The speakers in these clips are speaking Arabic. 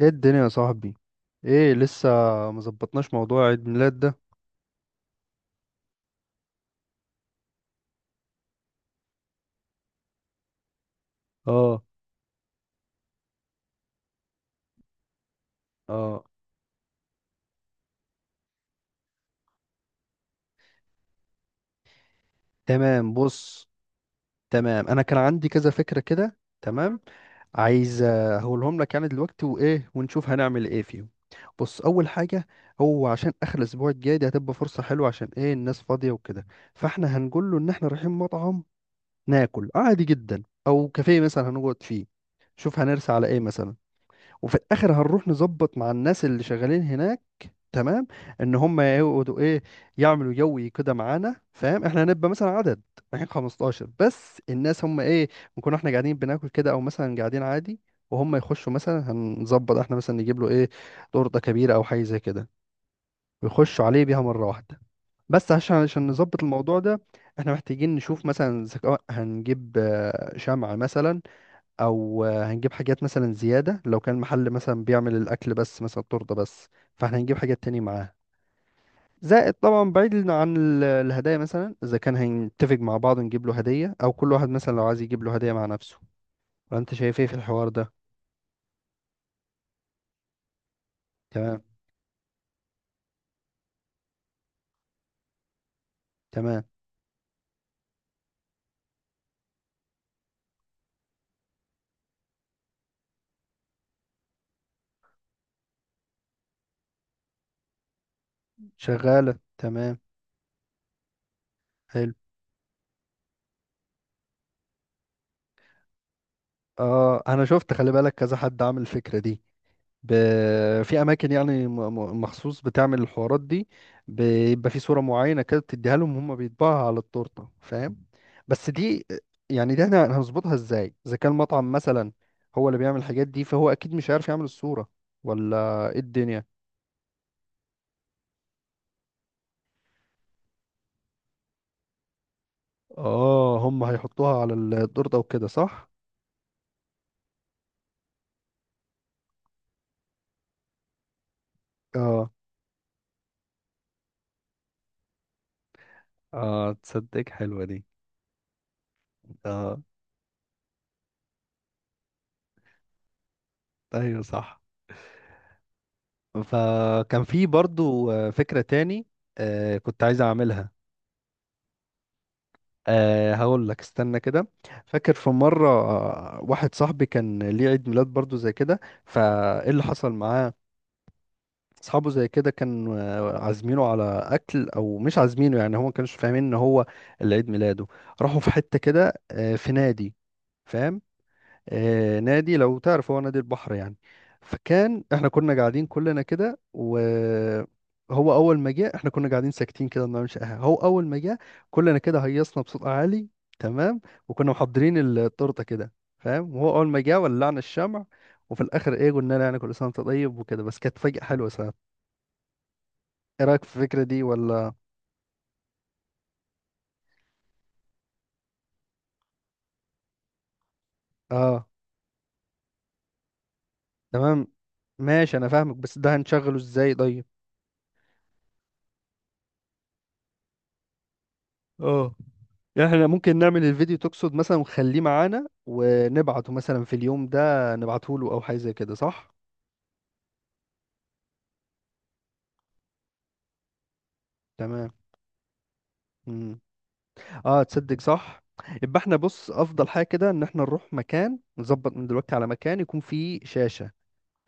ايه الدنيا يا صاحبي؟ ايه لسه مظبطناش موضوع عيد ميلاد ده؟ اه. اه، تمام، بص. تمام، انا كان عندي كذا فكرة كده. تمام، عايز هقولهم لك يعني دلوقتي، وايه ونشوف هنعمل ايه فيهم. بص، اول حاجة، هو عشان اخر الاسبوع الجاي دي هتبقى فرصة حلوة، عشان ايه، الناس فاضية وكده. فاحنا هنقول له ان احنا رايحين مطعم ناكل عادي جدا، او كافيه مثلا هنقعد فيه. شوف هنرسى على ايه مثلا. وفي الاخر هنروح نظبط مع الناس اللي شغالين هناك، تمام، ان هم يقعدوا ايه، يعملوا يوي كده معانا، فاهم؟ احنا هنبقى مثلا عدد رايحين 15، بس الناس هم ايه، نكون احنا قاعدين بناكل كده، او مثلا قاعدين عادي، وهم يخشوا. مثلا هنظبط احنا مثلا نجيب له ايه، تورته كبيره او حاجه زي كده، ويخشوا عليه بيها مره واحده. بس عشان نظبط الموضوع ده، احنا محتاجين نشوف مثلا ذكاء، هنجيب شمع مثلا، او هنجيب حاجات مثلا زياده لو كان محل مثلا بيعمل الاكل بس مثلا تورته بس، فاحنا هنجيب حاجات تانية معاه، زائد طبعا بعيد عن الهدايا مثلا، اذا كان هنتفق مع بعض نجيب له هدية، او كل واحد مثلا لو عايز يجيب له هدية مع نفسه. فانت شايف ايه في الحوار ده؟ تمام. تمام، شغالة. تمام، حلو. اه، انا شفت، خلي بالك كذا حد عامل الفكرة دي ب... في اماكن يعني مخصوص بتعمل الحوارات دي، بيبقى في صورة معينة كده بتديها لهم، هم بيطبعها على التورتة، فاهم؟ بس دي، يعني دي احنا هنظبطها ازاي اذا كان مطعم مثلا هو اللي بيعمل الحاجات دي، فهو اكيد مش عارف يعمل الصورة ولا ايه الدنيا؟ اه، هم هيحطوها على التورتة وكده، صح؟ اه. اه، تصدق، حلوة دي. اه. ايوه صح. فكان في برضو فكرة تاني كنت عايز اعملها. أه، هقول لك، استنى كده. فاكر في مرة واحد صاحبي كان ليه عيد ميلاد برضو زي كده، فايه اللي حصل معاه، اصحابه زي كده كانوا عازمينه على اكل او مش عازمينه، يعني هو ما كانش فاهمين ان هو اللي عيد ميلاده. راحوا في حتة كده في نادي، فاهم؟ نادي، لو تعرف هو نادي البحر يعني. فكان احنا كنا قاعدين كلنا كده، وهو اول ما جه احنا كنا قاعدين ساكتين كده ما بنعملش اي حاجه، هو اول ما جه كلنا كده هيصنا بصوت عالي، تمام. وكنا محضرين التورته كده، فاهم؟ وهو اول ما جه ولعنا الشمع، وفي الاخر ايه قلنا له يعني كل سنه وانت طيب وكده، بس كانت فجأة حلوه ساعات. ايه رايك في الفكره دي ولا؟ اه، تمام، ماشي، انا فاهمك، بس ده هنشغله ازاي طيب؟ اه، يعني احنا ممكن نعمل الفيديو تقصد مثلا ونخليه معانا ونبعته مثلا في اليوم ده، نبعته له او حاجه زي كده، صح؟ تمام. مم. اه، تصدق، صح. يبقى احنا، بص، افضل حاجه كده ان احنا نروح مكان، نظبط من دلوقتي على مكان يكون فيه شاشه،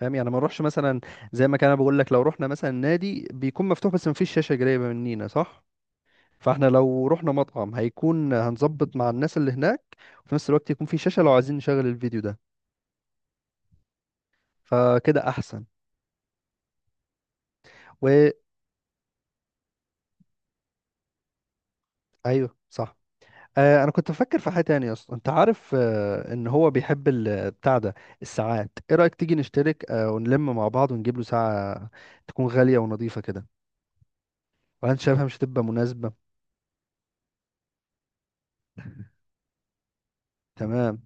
فاهم؟ يعني ما نروحش مثلا زي ما كان انا بقول لك، لو رحنا مثلا نادي بيكون مفتوح بس ما فيش شاشه قريبه مننا، صح. فاحنا لو رحنا مطعم هيكون هنظبط مع الناس اللي هناك، وفي نفس الوقت يكون في شاشه لو عايزين نشغل الفيديو ده. فكده احسن. ايوه صح. انا كنت بفكر في حاجه تانية يا اسطى، انت عارف ان هو بيحب بتاع ده، الساعات. ايه رايك تيجي نشترك ونلم مع بعض ونجيب له ساعه تكون غاليه ونظيفه كده، وانا شايفها مش هتبقى مناسبه. تمام،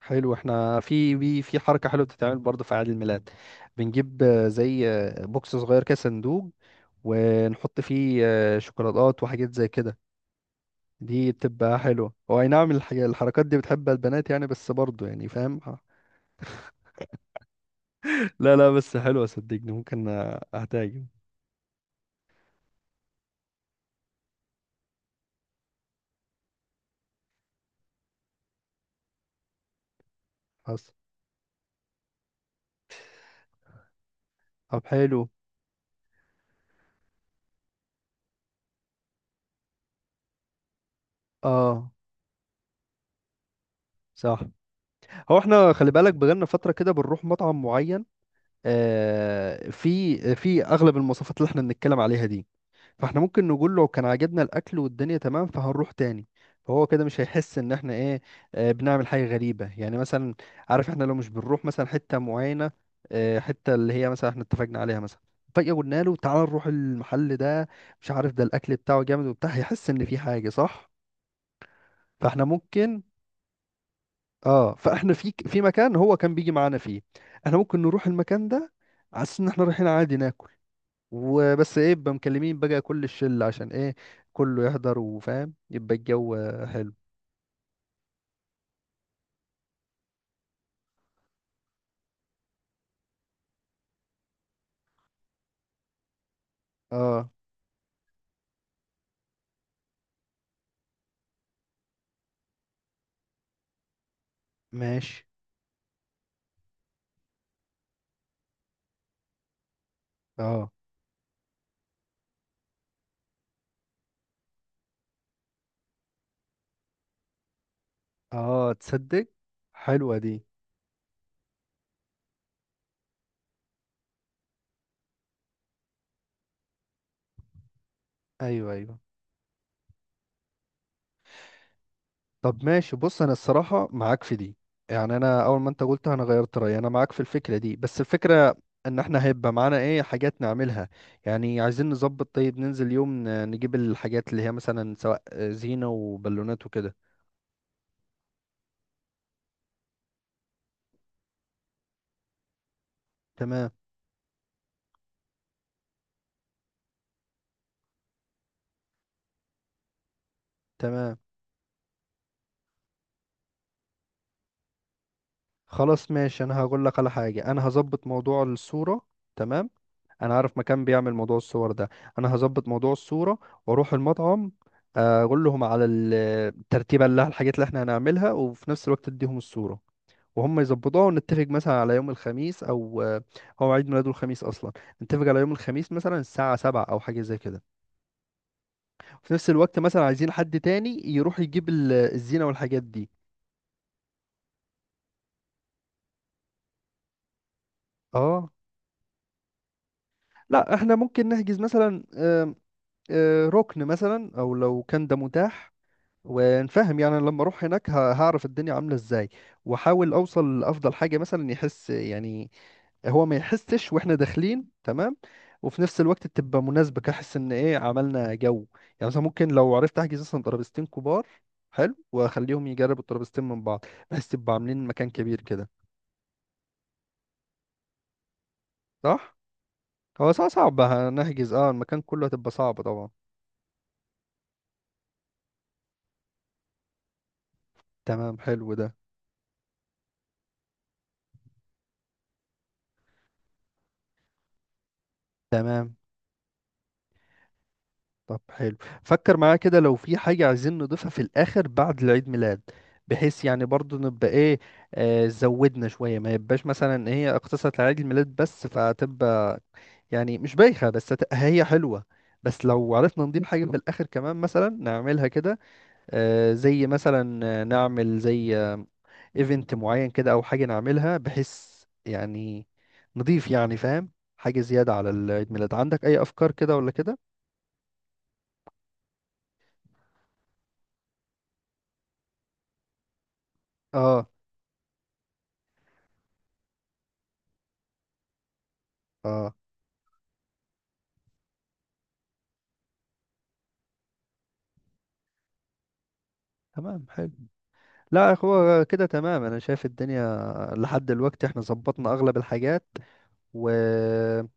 حلو. احنا في حركه حلوه بتتعمل برضه في عيد الميلاد، بنجيب زي بوكس صغير كده، صندوق، ونحط فيه شوكولاتات وحاجات زي كده. دي بتبقى حلوة، هو اي نعم الحركات دي بتحبها البنات يعني، بس برضه يعني، فاهم؟ لا لا، بس حلوة صدقني، ممكن اهتاجم. حصل. طب، حلو. اه، صح. هو احنا خلي بالك بقالنا فترة كده بنروح مطعم معين، في اغلب المواصفات اللي احنا بنتكلم عليها دي، فاحنا ممكن نقول له كان عجبنا الاكل والدنيا تمام فهنروح تاني، فهو كده مش هيحس ان احنا ايه، بنعمل حاجه غريبه يعني مثلا. عارف، احنا لو مش بنروح مثلا حته معينه، حته اللي هي مثلا احنا اتفقنا عليها مثلا، فجاه قلنا له تعال نروح المحل ده، مش عارف ده الاكل بتاعه جامد وبتاع، هيحس ان في حاجه، صح. فاحنا ممكن، اه، فاحنا في مكان هو كان بيجي معانا فيه، احنا ممكن نروح المكان ده على أساس ان احنا رايحين عادي ناكل، وبس ايه يبقى مكلمين بقى كل الشلة، عشان ايه كله يحضر وفاهم يبقى الجو حلو. اه، ماشي. اه. اه، تصدق، حلوة دي. ايوه ايوه. طب، ماشي، بص، انا الصراحة معاك في دي، يعني انا اول ما انت قلت انا غيرت رأيي، انا معاك في الفكرة دي، بس الفكرة ان احنا هيبقى معانا ايه حاجات نعملها. يعني عايزين نظبط، طيب ننزل يوم نجيب الحاجات اللي هي مثلا، سواء زينة وبالونات وكده. تمام. تمام. خلاص، ماشي، انا هقول لك على حاجه، انا هظبط موضوع الصوره. تمام. انا عارف مكان بيعمل موضوع الصور ده، انا هظبط موضوع الصوره، واروح المطعم، اقول لهم على الترتيبه اللي الحاجات اللي احنا هنعملها، وفي نفس الوقت اديهم الصوره، وهم يظبطوها. ونتفق مثلا على يوم الخميس او هو عيد ميلاده الخميس اصلا، نتفق على يوم الخميس مثلا الساعه 7 او حاجه زي كده، وفي نفس الوقت مثلا عايزين حد تاني يروح يجيب الزينه والحاجات دي. اه. لا، احنا ممكن نحجز مثلا ركن مثلا، او لو كان ده متاح، ونفهم يعني لما اروح هناك هعرف الدنيا عامله ازاي، واحاول اوصل لافضل حاجه مثلا، يحس يعني، هو ما يحسش واحنا داخلين، تمام. وفي نفس الوقت تبقى مناسبه كحس ان ايه، عملنا جو. يعني مثلا ممكن لو عرفت احجز مثلا ترابيزتين كبار، حلو، واخليهم يجربوا الترابيزتين من بعض، بحيث تبقى عاملين مكان كبير كده، صح. هو صعب صعب هنحجز، اه المكان كله هتبقى صعبه طبعا. تمام، حلو ده. تمام، طب حلو، فكر معايا كده لو في حاجة عايزين نضيفها في الآخر بعد العيد ميلاد، بحيث يعني برضو نبقى ايه، زودنا شوية، ما يبقاش مثلا إن هي اقتصرت على عيد الميلاد بس، فتبقى يعني مش بايخة، بس هي حلوة، بس لو عرفنا نضيف حاجة في الآخر كمان مثلا نعملها كده، زي مثلا نعمل زي ايفنت معين كده، أو حاجة نعملها بحيث يعني نضيف يعني، فاهم؟ حاجة زيادة على العيد ميلاد. عندك أي أفكار كده ولا كده؟ اه. اه، تمام، حلو. لا، هو كده تمام، انا شايف الدنيا لحد دلوقتي احنا ظبطنا اغلب الحاجات، وظبطنا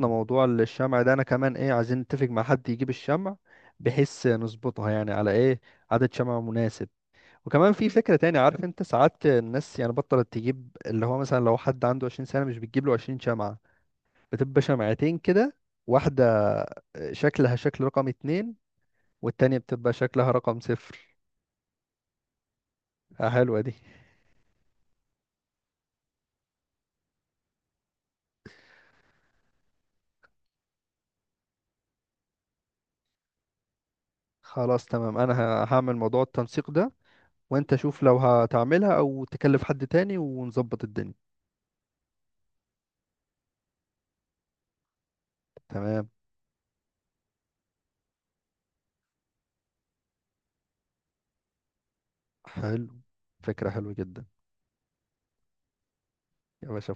موضوع الشمع ده. انا كمان ايه عايزين نتفق مع حد يجيب الشمع، بحيث نظبطها يعني على ايه عدد شمع مناسب. وكمان في فكرة تاني، عارف انت ساعات الناس يعني بطلت تجيب اللي هو مثلا لو حد عنده 20 سنة مش بتجيب له 20 شمعة، بتبقى شمعتين كده، واحدة شكلها شكل رقم 2، والتانية بتبقى شكلها رقم 0. حلوة دي. خلاص، تمام، انا هعمل موضوع التنسيق ده، وانت شوف لو هتعملها او تكلف حد تاني ونظبط الدنيا. تمام، حلو، فكرة حلوة جدا يا باشا.